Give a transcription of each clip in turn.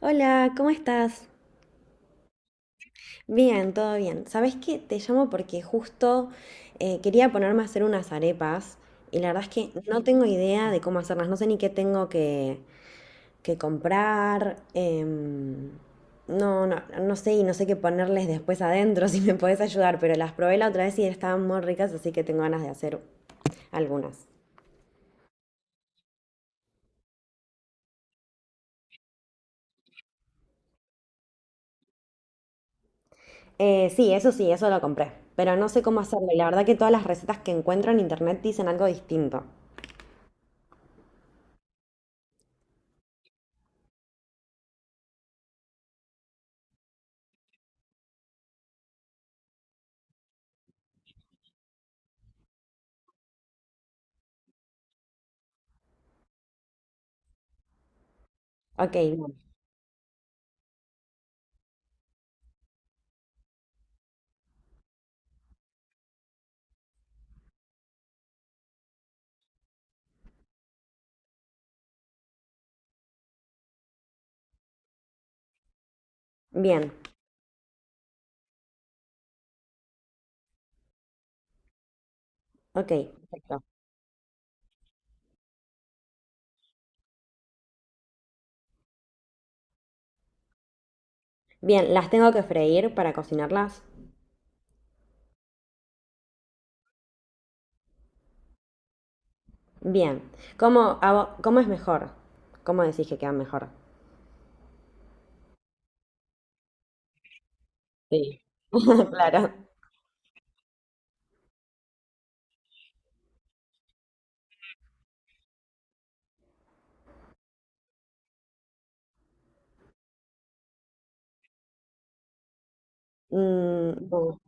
Hola, ¿cómo estás? Bien, todo bien. ¿Sabes qué? Te llamo porque justo quería ponerme a hacer unas arepas y la verdad es que no tengo idea de cómo hacerlas. No sé ni qué tengo que comprar. No sé y no sé qué ponerles después adentro si me podés ayudar, pero las probé la otra vez y estaban muy ricas, así que tengo ganas de hacer algunas. Sí, eso lo compré, pero no sé cómo hacerlo y la verdad que todas las recetas que encuentro en internet dicen algo distinto. Ok, bien. Bien, ok, perfecto. Bien, ¿las tengo que freír para cocinarlas? Bien. ¿Cómo hago- cómo es mejor? ¿Cómo decís que quedan mejor? Sí. Claro. Mm, bueno,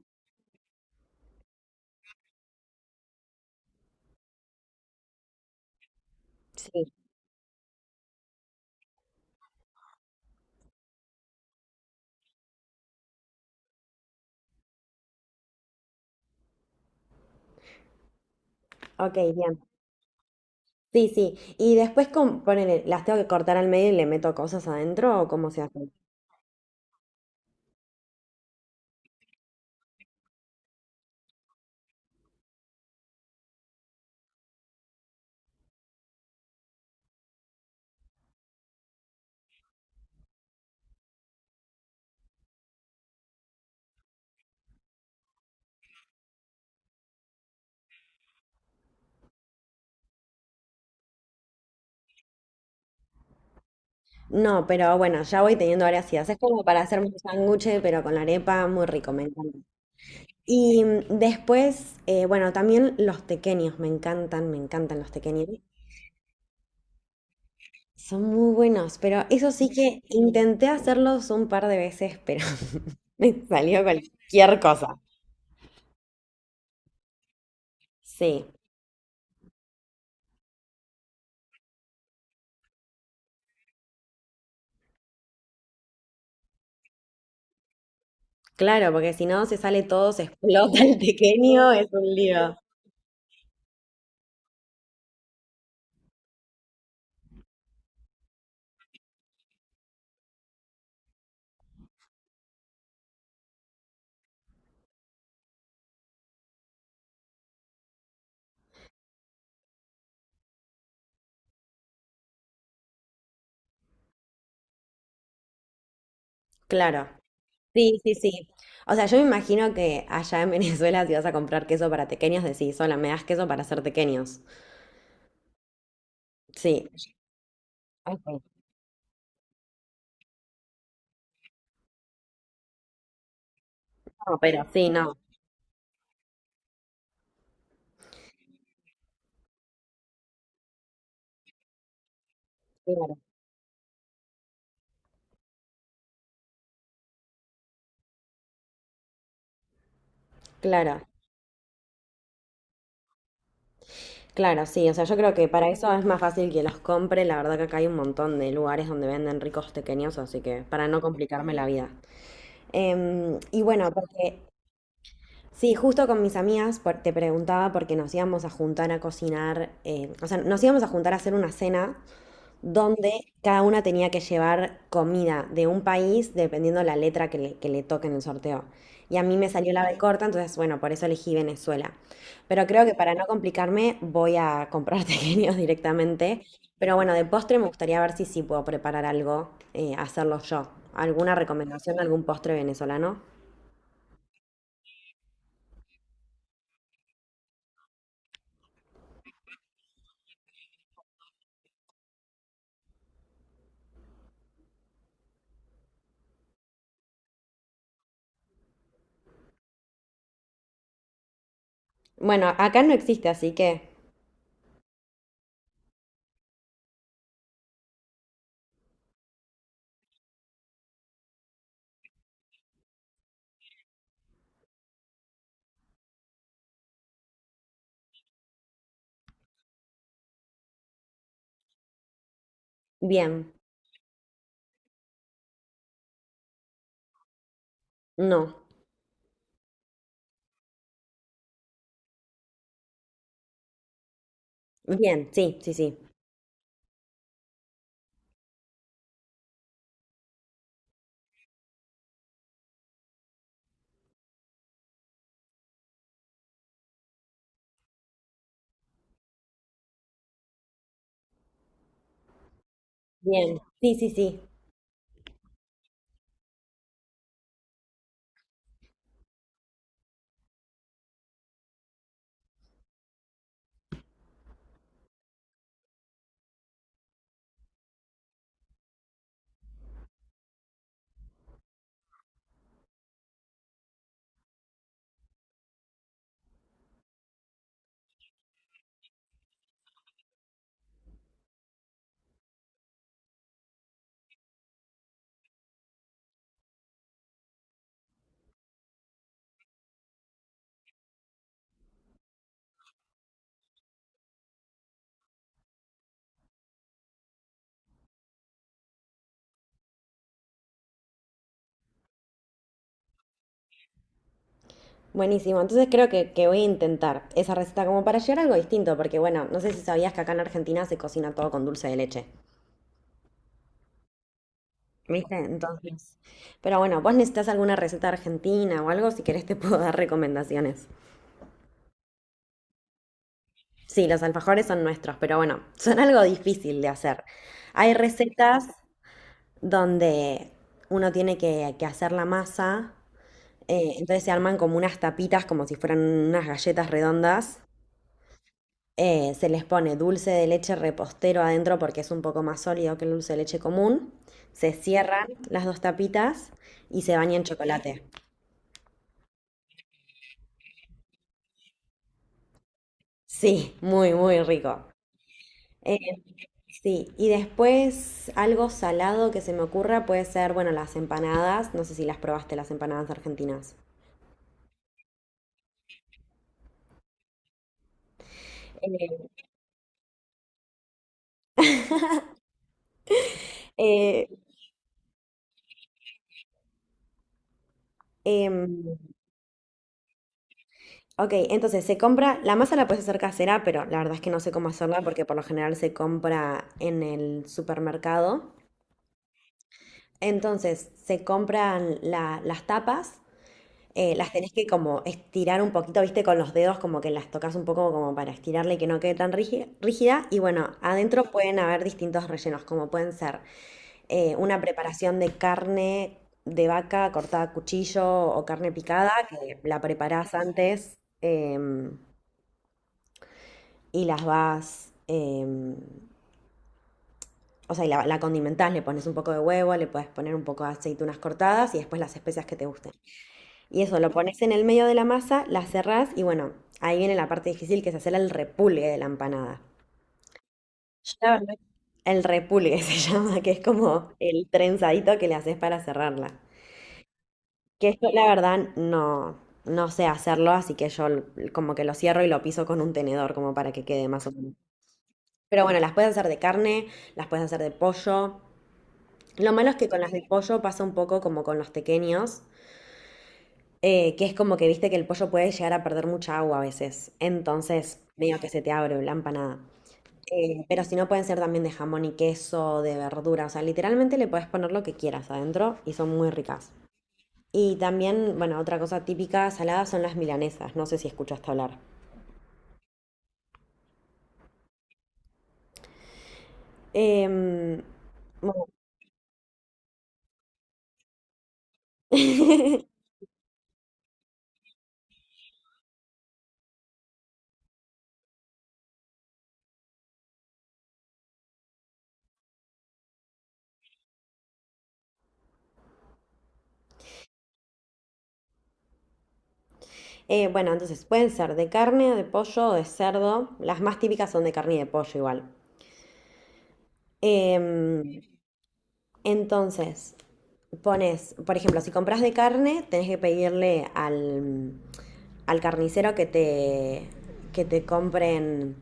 sí, ok, bien. Sí, sí. Y después, con, ponele, ¿las tengo que cortar al medio y le meto cosas adentro o cómo se hace? No, pero bueno, ya voy teniendo varias ideas. Es como para hacerme un sándwich, pero con la arepa, muy rico, me encanta. Y después, bueno, también los tequeños, me encantan los tequeños. Son muy buenos, pero eso sí que intenté hacerlos un par de veces, pero me salió cualquier cosa. Sí, claro, porque si no se sale todo, se explota el pequeño, es un lío. Claro. Sí, sí, sí. O sea, yo me imagino que allá en Venezuela si vas a comprar queso para tequeños, decís, sola, me das queso para hacer tequeños. Sí. Ok. No, pero sí, no. Claro. Claro. Claro, sí, o sea, yo creo que para eso es más fácil que los compre. La verdad que acá hay un montón de lugares donde venden ricos pequeños, así que para no complicarme la vida. Y bueno, porque sí, justo con mis amigas por- te preguntaba porque nos íbamos a juntar a cocinar, o sea, nos íbamos a juntar a hacer una cena donde cada una tenía que llevar comida de un país dependiendo la letra que le toque en el sorteo. Y a mí me salió la B corta, entonces bueno, por eso elegí Venezuela. Pero creo que para no complicarme voy a comprar tequeños directamente. Pero bueno, de postre me gustaría ver si sí puedo preparar algo, hacerlo yo. ¿Alguna recomendación, algún postre venezolano? Bueno, acá no existe, así que bien, no. Bien, sí, sí, sí. Bien, sí, sí, sí. Buenísimo, entonces creo que voy a intentar esa receta como para llegar a algo distinto, porque bueno, no sé si sabías que acá en Argentina se cocina todo con dulce de leche, ¿viste? Entonces, pero bueno, vos necesitas alguna receta argentina o algo, si querés te puedo dar recomendaciones. Sí, los alfajores son nuestros, pero bueno, son algo difícil de hacer. Hay recetas donde uno tiene que hacer la masa, entonces se arman como unas tapitas, como si fueran unas galletas redondas. Se les pone dulce de leche repostero adentro porque es un poco más sólido que el dulce de leche común. Se cierran las dos tapitas y se baña en chocolate. Sí, muy, muy rico. Eh, sí, y después algo salado que se me ocurra puede ser, bueno, las empanadas. No sé si las probaste, las empanadas argentinas. Eh, eh, em, ok, entonces se compra, la masa la puedes hacer casera, pero la verdad es que no sé cómo hacerla porque por lo general se compra en el supermercado. Entonces, se compran la- las tapas, las tenés que como estirar un poquito, viste, con los dedos, como que las tocas un poco como para estirarla y que no quede tan rígi- rígida. Y bueno, adentro pueden haber distintos rellenos, como pueden ser una preparación de carne de vaca cortada a cuchillo o carne picada, que la preparás antes y las vas... o sea, y la condimentás, le pones un poco de huevo, le puedes poner un poco de aceitunas cortadas y después las especias que te gusten. Y eso, lo pones en el medio de la masa, la cerrás y bueno, ahí viene la parte difícil que es hacer el repulgue de la empanada. El repulgue se llama, que es como el trenzadito que le haces para cerrarla. Que yo la verdad no, no sé hacerlo, así que yo l- como que lo cierro y lo piso con un tenedor como para que quede más o menos. Pero bueno, las puedes hacer de carne, las puedes hacer de pollo. Lo malo es que con las de pollo pasa un poco como con los tequeños. Que es como que viste que el pollo puede llegar a perder mucha agua a veces. Entonces, medio que se te abre la empanada. Pero si no, pueden ser también de jamón y queso, de verdura. O sea, literalmente le puedes poner lo que quieras adentro y son muy ricas. Y también, bueno, otra cosa típica salada son las milanesas. No sé si escuchaste hablar. Em, bueno. Bueno, entonces pueden ser de carne, de pollo o de cerdo. Las más típicas son de carne y de pollo igual. Em, Entonces, pones, por ejemplo, si compras de carne, tenés que pedirle al, al carnicero que te compren,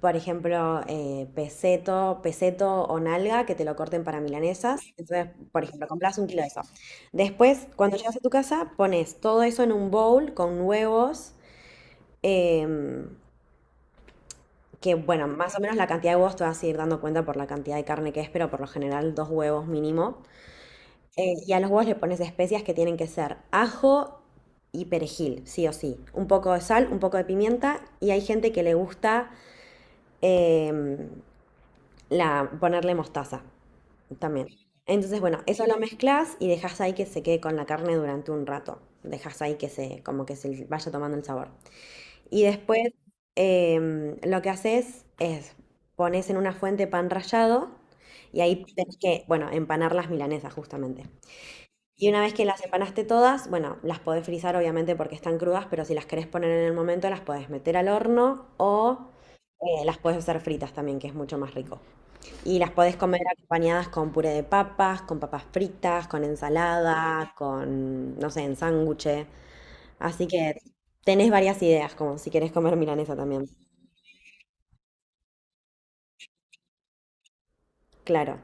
por ejemplo, peseto, peseto o nalga, que te lo corten para milanesas. Entonces, por ejemplo, compras un kilo de eso. Después, cuando llegas a tu casa, pones todo eso en un bowl con huevos. em, que bueno, más o menos la cantidad de huevos te vas a ir dando cuenta por la cantidad de carne que es, pero por lo general dos huevos mínimo. Y a los huevos le pones especias que tienen que ser ajo y perejil, sí o sí. Un poco de sal, un poco de pimienta. Y hay gente que le gusta em, ponerle mostaza también. Entonces, bueno, eso lo mezclas y dejas ahí que se quede con la carne durante un rato. Dejas ahí que se, como que se vaya tomando el sabor. Y después lo que haces es pones en una fuente pan rallado y ahí tenés que, bueno, empanar las milanesas justamente. Y una vez que las empanaste todas, bueno, las podés frizar obviamente porque están crudas, pero si las querés poner en el momento, las podés meter al horno o las podés hacer fritas también, que es mucho más rico. Y las podés comer acompañadas con puré de papas, con papas fritas, con ensalada, con, no sé, en sándwiches. Así que tenés varias ideas, como si querés comer milanesa también. Claro.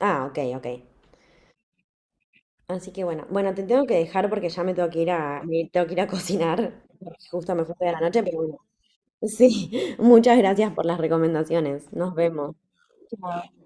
Ah, ok, ok. Así que bueno, bueno, te tengo que dejar porque ya me tengo que ir a, me tengo que ir a cocinar, porque justo me fue de la noche, pero bueno, sí, muchas gracias por las recomendaciones. Nos vemos. Chao.